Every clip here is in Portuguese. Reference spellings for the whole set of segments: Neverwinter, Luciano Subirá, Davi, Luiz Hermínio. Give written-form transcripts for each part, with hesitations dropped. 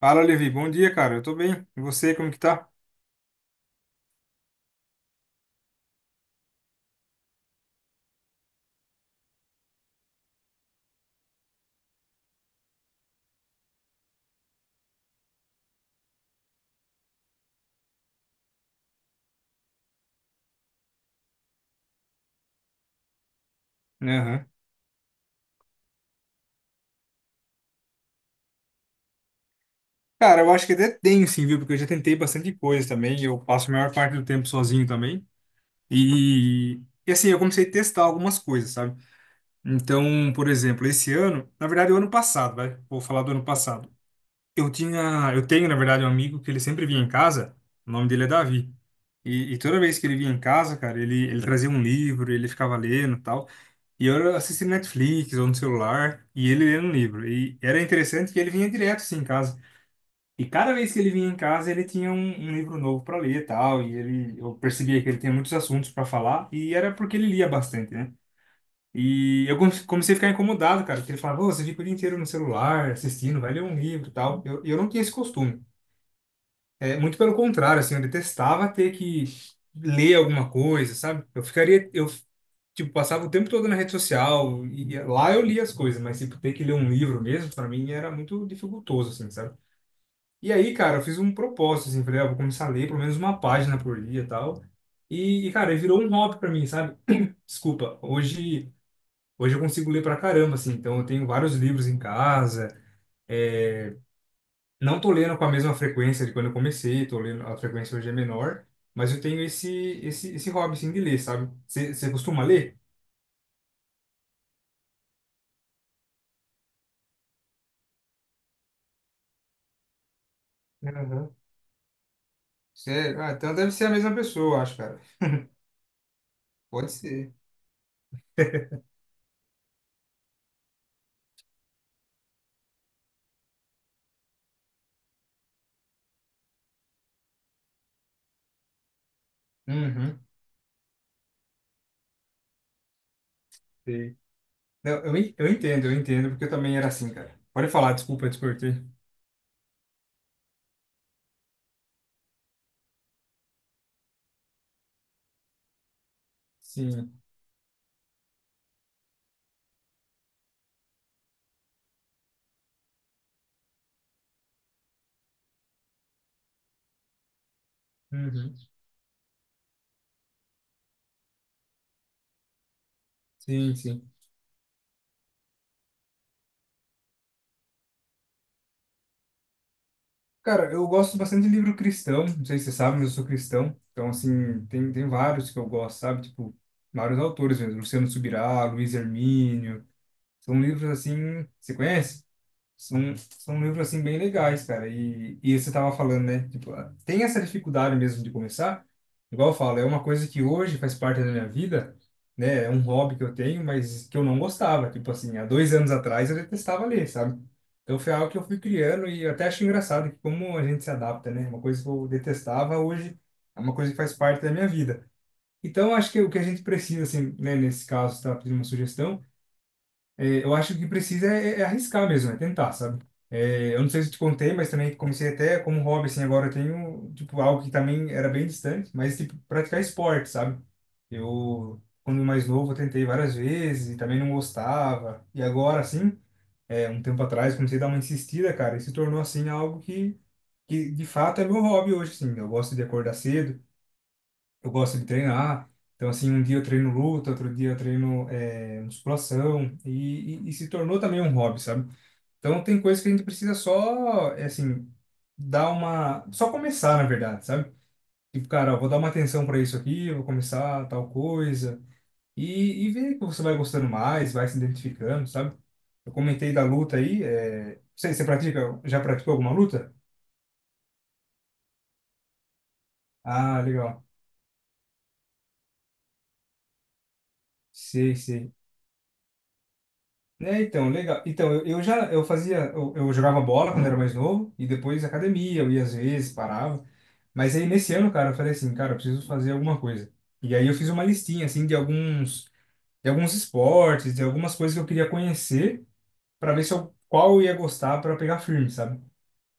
Fala, Levi. Bom dia, cara. Eu tô bem. E você, como que tá? Aham. Cara, eu acho que até tenho, sim, viu? Porque eu já tentei bastante coisa também. Eu passo a maior parte do tempo sozinho também. E, e assim, eu comecei a testar algumas coisas, sabe? Então, por exemplo, esse ano, na verdade, o ano passado, vai. Vou falar do ano passado. Eu tinha, eu tenho, na verdade, um amigo que ele sempre vinha em casa. O nome dele é Davi. E toda vez que ele vinha em casa, cara, ele trazia um livro, ele ficava lendo e tal. E eu assisti Netflix ou no celular, e ele lendo um livro. E era interessante que ele vinha direto assim em casa. E cada vez que ele vinha em casa, ele tinha um livro novo para ler e tal. Eu percebia que ele tinha muitos assuntos para falar, e era porque ele lia bastante, né? E eu comecei a ficar incomodado, cara, porque ele falava, "Ô, você fica o dia inteiro no celular, assistindo, vai ler um livro e tal. Eu não tinha esse costume. É, muito pelo contrário, assim, eu detestava ter que ler alguma coisa, sabe? Eu, tipo, passava o tempo todo na rede social e lá eu lia as coisas, mas, tipo, ter que ler um livro mesmo, para mim, era muito dificultoso, assim, sabe? E aí, cara, eu fiz um propósito, assim, falei, ah, vou começar a ler pelo menos uma página por dia e tal. E, cara, virou um hobby para mim, sabe? Desculpa, hoje eu consigo ler pra caramba, assim, então eu tenho vários livros em casa. Não tô lendo com a mesma frequência de quando eu comecei, tô lendo, a frequência hoje é menor, mas eu tenho esse hobby, assim, de ler, sabe? Você costuma ler? Aham. Sério? Ah, então deve ser a mesma pessoa, eu acho, cara. Pode ser. Uhum, sei. Não, eu entendo, porque eu também era assim, cara. Pode falar, desculpa, eu te cortei. Sim. Uhum. Sim, sim. Cara, eu gosto bastante de livro cristão, não sei se você sabe, mas eu sou cristão. Então, assim, tem vários que eu gosto, sabe? Tipo, vários autores mesmo. Luciano Subirá, Luiz Hermínio. São livros assim, você conhece? São livros assim bem legais, cara. E você tava falando, né? Tipo, ah, tem essa dificuldade mesmo de começar. Igual eu falo, é uma coisa que hoje faz parte da minha vida, né? É um hobby que eu tenho, mas que eu não gostava. Tipo assim, há 2 anos atrás eu detestava ler, sabe? Então foi algo que eu fui criando e eu até acho engraçado que como a gente se adapta, né? Uma coisa que eu detestava hoje é uma coisa que faz parte da minha vida. Então acho que o que a gente precisa, assim, né? Nesse caso, tá pedindo uma sugestão é, eu acho que precisa é, arriscar mesmo, é tentar, sabe? É, eu não sei se eu te contei, mas também comecei até como hobby, assim, agora eu tenho, tipo, algo que também era bem distante, mas, tipo, praticar esporte, sabe? Eu, quando mais novo, eu tentei várias vezes e também não gostava. E agora, assim, é, um tempo atrás, comecei a dar uma insistida, cara, e se tornou, assim, algo que de fato é meu hobby hoje, assim. Eu gosto de acordar cedo, eu gosto de treinar. Então, assim, um dia eu treino luta, outro dia eu treino é, musculação, e se tornou também um hobby, sabe? Então, tem coisas que a gente precisa só, é, assim, dar uma. Só começar, na verdade, sabe? Tipo, cara, ó, vou dar uma atenção para isso aqui, vou começar tal coisa, e ver que você vai gostando mais, vai se identificando, sabe? Eu comentei da luta aí, sei, você pratica, já praticou alguma luta? Ah, legal. Sei, sei. É, então, legal. Então, eu já eu fazia, eu jogava bola quando era mais novo e depois academia, eu ia às vezes, parava. Mas aí nesse ano, cara, eu falei assim, cara, eu preciso fazer alguma coisa. E aí eu fiz uma listinha assim de alguns esportes, de algumas coisas que eu queria conhecer para ver se eu, qual eu ia gostar para pegar firme, sabe?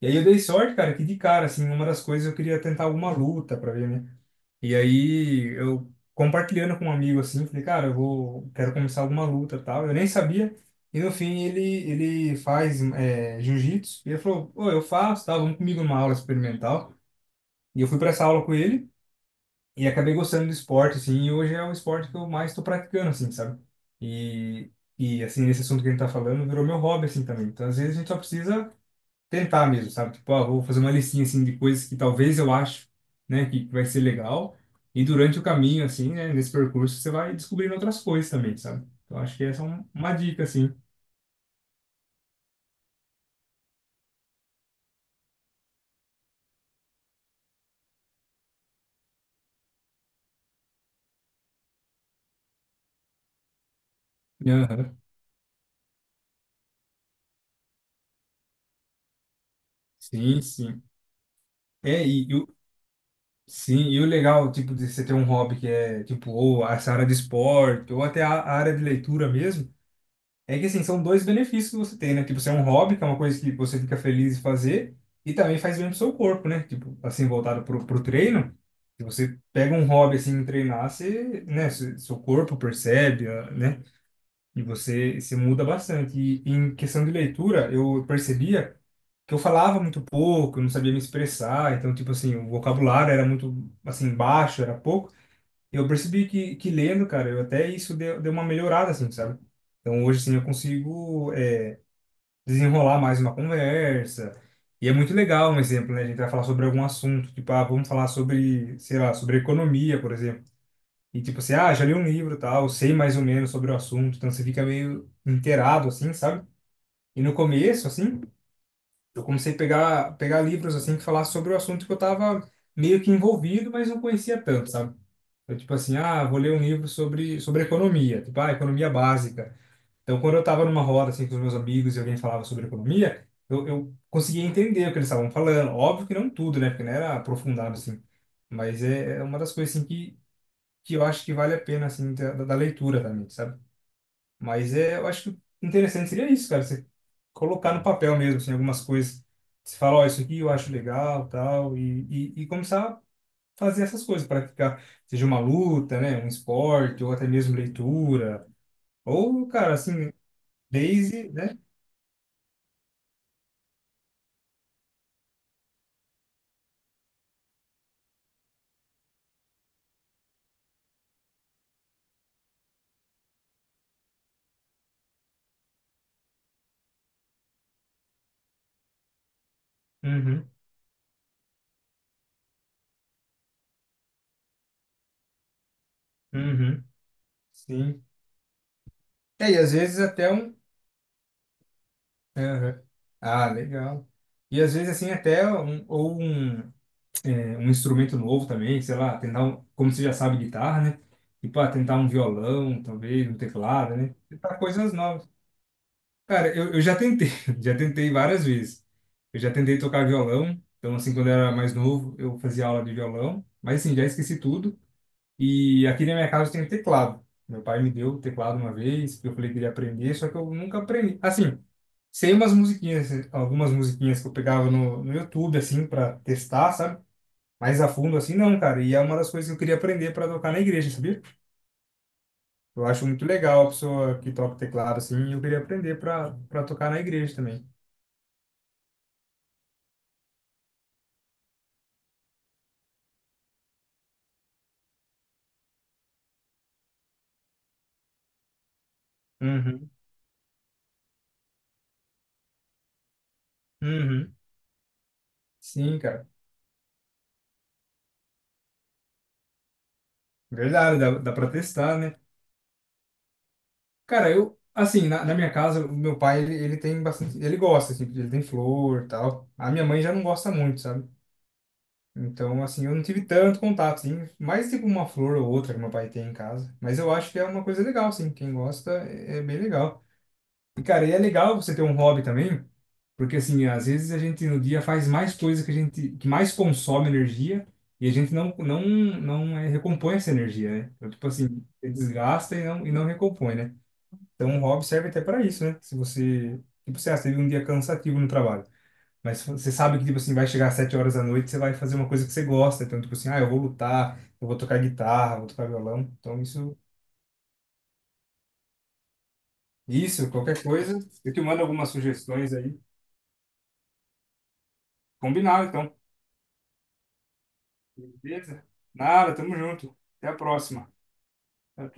E aí eu dei sorte, cara, que de cara assim, uma das coisas eu queria tentar alguma luta para ver, né? E aí eu compartilhando com um amigo assim, falei, cara, quero começar alguma luta, e tal. Eu nem sabia. E no fim ele faz é, jiu-jitsu e ele falou, pô, eu faço, tal, vamos comigo numa aula experimental. E eu fui para essa aula com ele e acabei gostando do esporte assim, e hoje é o esporte que eu mais estou praticando assim, sabe? E e assim, esse assunto que a gente tá falando virou meu hobby assim também. Então, às vezes a gente só precisa tentar mesmo, sabe? Tipo, ah, vou fazer uma listinha assim de coisas que talvez eu acho, né, que vai ser legal. E durante o caminho, assim, né, nesse percurso, você vai descobrindo outras coisas também, sabe? Então, acho que essa é uma dica, assim. Aham. Sim, sim. É, e, e o, sim, e o legal, tipo, de você ter um hobby que é, tipo, ou essa área de esporte, ou até a área de leitura mesmo. É que assim, são dois benefícios que você tem, né? Tipo, você é um hobby, que é uma coisa que você fica feliz em fazer, e também faz bem pro seu corpo, né? Tipo, assim, voltado pro treino, se você pega um hobby assim em treinar, você, né, seu corpo percebe, ah, né? E você se muda bastante. E em questão de leitura, eu percebia que eu falava muito pouco, eu não sabia me expressar, então, tipo assim, o vocabulário era muito, assim, baixo, era pouco. Eu percebi que lendo, cara, eu até isso deu, uma melhorada, assim, sabe? Então hoje, assim, eu consigo é, desenrolar mais uma conversa. E é muito legal um exemplo, né? A gente vai falar sobre algum assunto, tipo, ah, vamos falar sobre, sei lá, sobre economia, por exemplo. E tipo assim, ah, já li um livro, e tal, sei mais ou menos sobre o assunto, então você fica meio inteirado, assim, sabe? E no começo, assim, eu comecei a pegar livros, assim, que falassem sobre o assunto que eu tava meio que envolvido, mas não conhecia tanto, sabe? Eu, tipo assim, ah, vou ler um livro sobre economia, tipo, ah, economia básica. Então, quando eu tava numa roda, assim, com os meus amigos e alguém falava sobre economia, eu conseguia entender o que eles estavam falando. Óbvio que não tudo, né? Porque não era aprofundado, assim. Mas é uma das coisas, assim, que eu acho que vale a pena, assim, da leitura também, sabe? Mas é, eu acho que interessante seria isso, cara, você colocar no papel mesmo, assim, algumas coisas. Você fala, ó, isso aqui eu acho legal, tal, e começar fazer essas coisas, praticar, seja uma luta, né, um esporte, ou até mesmo leitura, ou, cara, assim, desde, né? Uhum, uhum, sim. É, e às vezes até um. Aham. Ah, legal. E às vezes, assim, até um instrumento novo também, sei lá, tentar, um, como você já sabe, guitarra, né? Tipo, ah, tentar um violão, talvez, um teclado, né? Tentar coisas novas. Cara, eu já tentei, já tentei várias vezes. Eu já tentei tocar violão, então assim, quando eu era mais novo, eu fazia aula de violão, mas assim, já esqueci tudo. E aqui na minha casa tem um teclado. Meu pai me deu o teclado uma vez, porque eu falei que queria aprender, só que eu nunca aprendi. Assim, sei umas musiquinhas, algumas musiquinhas que eu pegava no YouTube, assim, para testar, sabe? Mais a fundo, assim, não, cara. E é uma das coisas que eu queria aprender para tocar na igreja, sabia? Eu acho muito legal a pessoa que toca teclado, assim, e eu queria aprender para tocar na igreja também. Uhum. Uhum. Sim, cara. Verdade, dá pra testar, né? Cara, eu, assim, na minha casa, o meu pai, ele tem bastante. Ele gosta, assim, ele tem flor e tal. A minha mãe já não gosta muito, sabe? Então, assim, eu não tive tanto contato, assim. Mais tipo uma flor ou outra que meu pai tem em casa. Mas eu acho que é uma coisa legal, assim. Quem gosta é, bem legal. Cara, e é legal você ter um hobby também, porque assim, às vezes a gente no dia faz mais coisa que a gente que mais consome energia e a gente não é, recompõe essa energia, né? Então, tipo assim, você desgasta e não recompõe, né? Então, um hobby serve até para isso, né? Se você, tipo, você teve um dia cansativo no trabalho, mas você sabe que tipo assim, vai chegar às 7 horas da noite, você vai fazer uma coisa que você gosta, então tipo assim, ah, eu vou lutar, eu vou tocar guitarra, vou tocar violão. Então, isso, qualquer coisa, eu te mando algumas sugestões aí. Combinado, então. Beleza? Nada, tamo junto. Até a próxima.